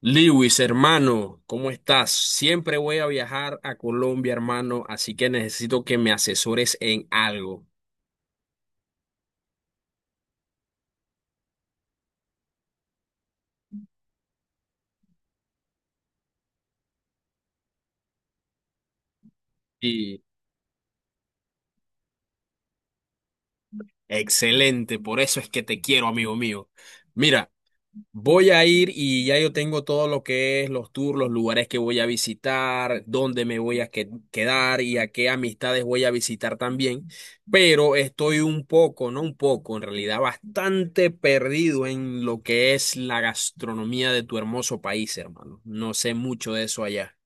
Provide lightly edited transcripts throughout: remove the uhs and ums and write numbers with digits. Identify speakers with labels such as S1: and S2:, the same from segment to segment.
S1: Lewis, hermano, ¿cómo estás? Siempre voy a viajar a Colombia, hermano, así que necesito que me asesores en algo. Y excelente, por eso es que te quiero, amigo mío. Mira, voy a ir y ya yo tengo todo lo que es los tours, los lugares que voy a visitar, dónde me voy a quedar y a qué amistades voy a visitar también. Pero estoy un poco, no un poco, en realidad bastante perdido en lo que es la gastronomía de tu hermoso país, hermano. No sé mucho de eso allá.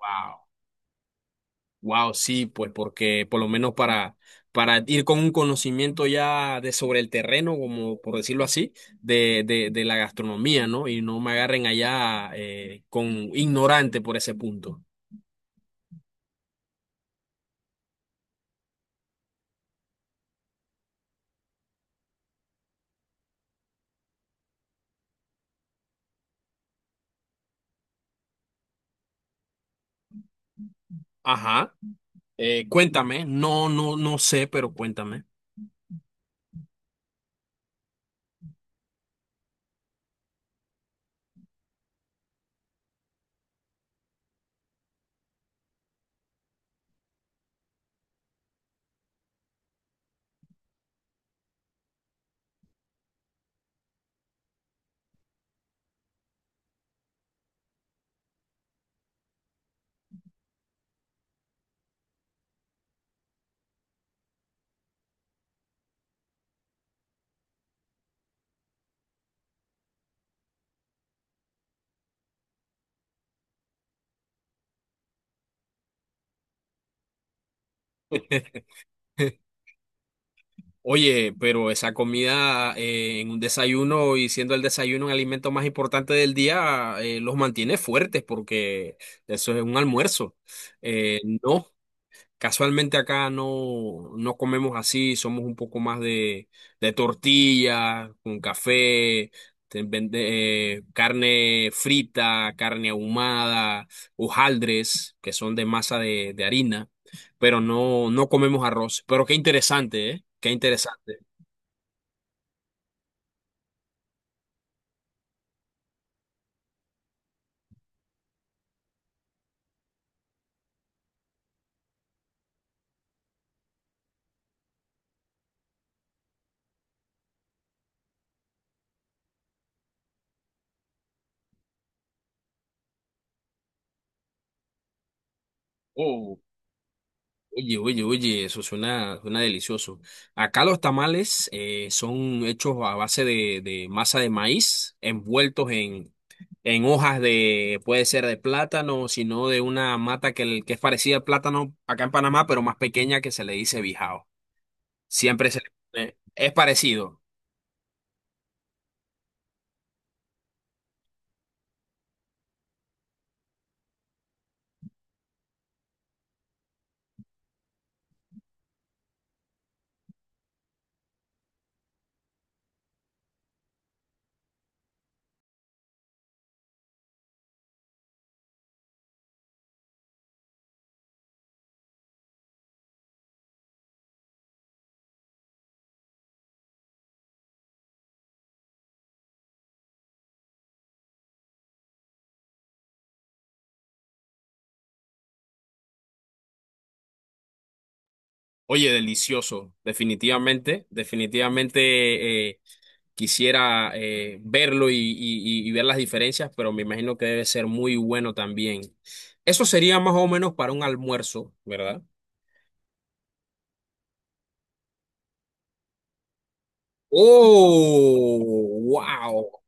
S1: Wow. Wow, sí, pues porque por lo menos para ir con un conocimiento ya de sobre el terreno, como por decirlo así, de la gastronomía, ¿no? Y no me agarren allá con ignorante por ese punto. Ajá. Cuéntame, no, no sé, pero cuéntame. Oye, pero esa comida en un desayuno y siendo el desayuno un alimento más importante del día, los mantiene fuertes porque eso es un almuerzo. No. Casualmente acá no comemos así, somos un poco más de tortilla, con café, carne frita, carne ahumada, hojaldres, que son de masa de harina, pero no, no comemos arroz. Pero qué interesante, ¿eh? Qué interesante. Oye, oye, oye, eso suena, suena delicioso. Acá los tamales son hechos a base de masa de maíz, envueltos en hojas de, puede ser de plátano, sino de una mata que, que es parecida al plátano acá en Panamá, pero más pequeña que se le dice bijao. Siempre se le pone- Es parecido. Oye, delicioso, definitivamente, definitivamente. Quisiera verlo y, y ver las diferencias, pero me imagino que debe ser muy bueno también. Eso sería más o menos para un almuerzo, ¿verdad? ¡Oh! ¡Wow!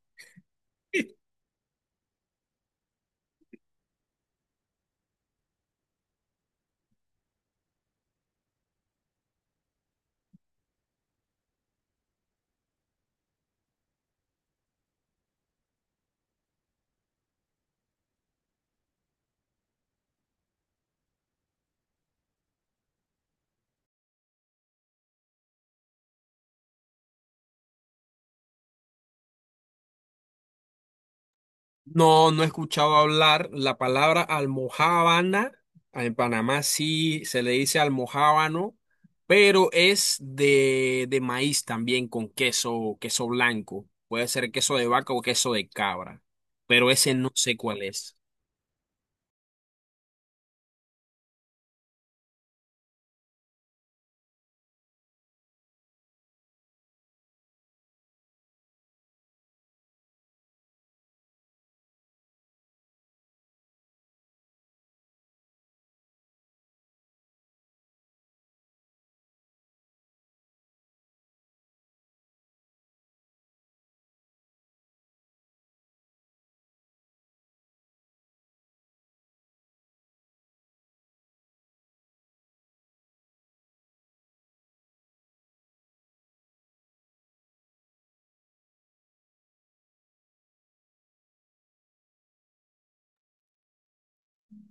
S1: No, no he escuchado hablar la palabra almojábana. En Panamá sí se le dice almojábano, pero es de maíz también con queso, queso blanco. Puede ser queso de vaca o queso de cabra, pero ese no sé cuál es.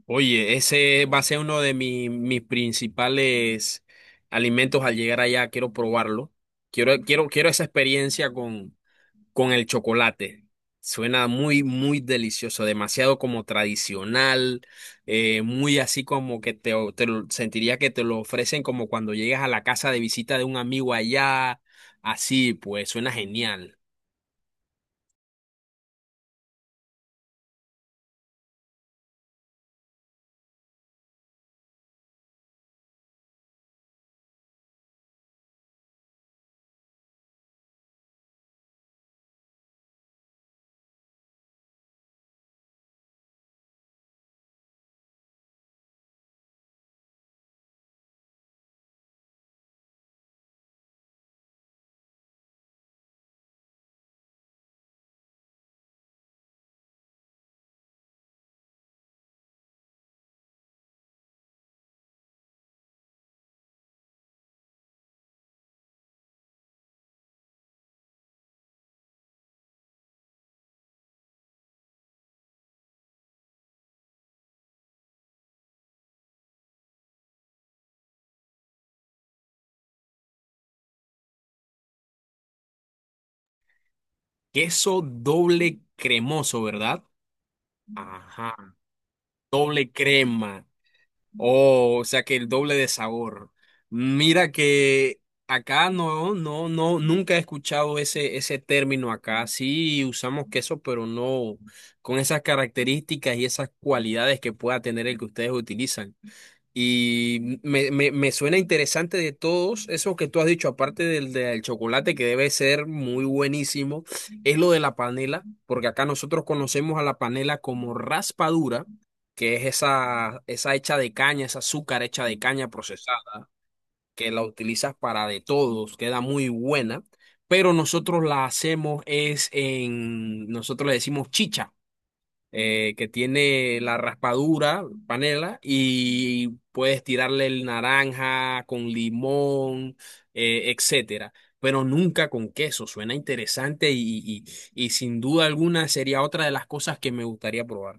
S1: Oye, ese va a ser uno de mis, mis principales alimentos al llegar allá. Quiero probarlo. Quiero, quiero, quiero esa experiencia con el chocolate. Suena muy, muy delicioso, demasiado como tradicional, muy así como que te, sentiría que te lo ofrecen como cuando llegas a la casa de visita de un amigo allá. Así, pues, suena genial. Queso doble cremoso, ¿verdad? Ajá, doble crema. Oh, o sea que el doble de sabor. Mira que acá no, nunca he escuchado ese, ese término acá. Sí usamos queso, pero no con esas características y esas cualidades que pueda tener el que ustedes utilizan. Y me suena interesante de todos eso que tú has dicho, aparte del, del chocolate, que debe ser muy buenísimo, es lo de la panela, porque acá nosotros conocemos a la panela como raspadura, que es esa, esa hecha de caña, esa azúcar hecha de caña procesada, que la utilizas para de todos, queda muy buena, pero nosotros la hacemos es en, nosotros le decimos chicha que tiene la raspadura, panela, y puedes tirarle el naranja con limón, etcétera. Pero nunca con queso. Suena interesante y, y sin duda alguna sería otra de las cosas que me gustaría probar.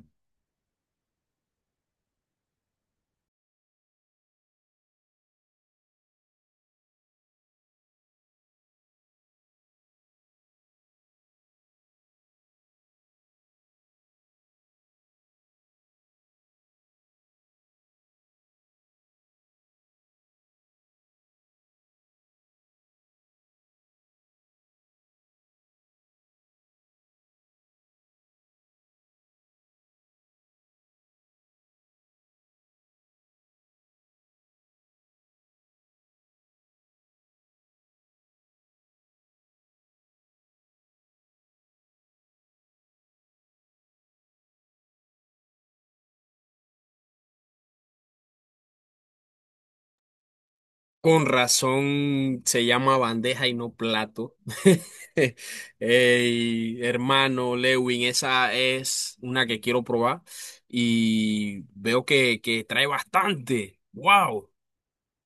S1: Con razón se llama bandeja y no plato. Ey, hermano Lewin, esa es una que quiero probar y veo que trae bastante. ¡Wow!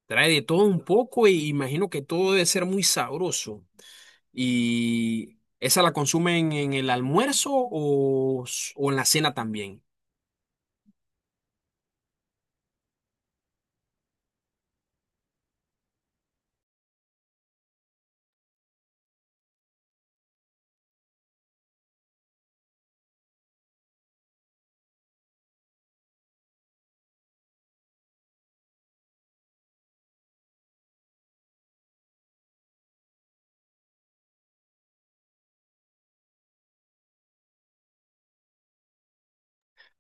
S1: Trae de todo un poco e imagino que todo debe ser muy sabroso. ¿Y esa la consumen en el almuerzo o, o en la cena también?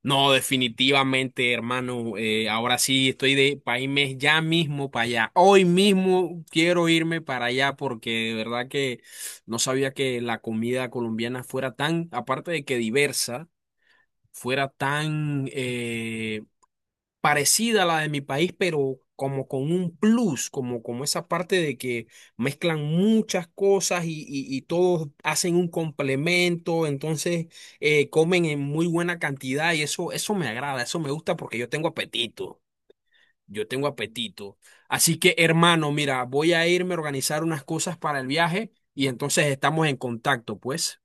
S1: No, definitivamente, hermano. Ahora sí estoy de país ya mismo para allá. Hoy mismo quiero irme para allá porque de verdad que no sabía que la comida colombiana fuera tan, aparte de que diversa, fuera tan, parecida a la de mi país, pero como con un plus, como, como esa parte de que mezclan muchas cosas y, y todos hacen un complemento, entonces comen en muy buena cantidad y eso me agrada, eso me gusta porque yo tengo apetito, yo tengo apetito. Así que hermano, mira, voy a irme a organizar unas cosas para el viaje y entonces estamos en contacto, pues.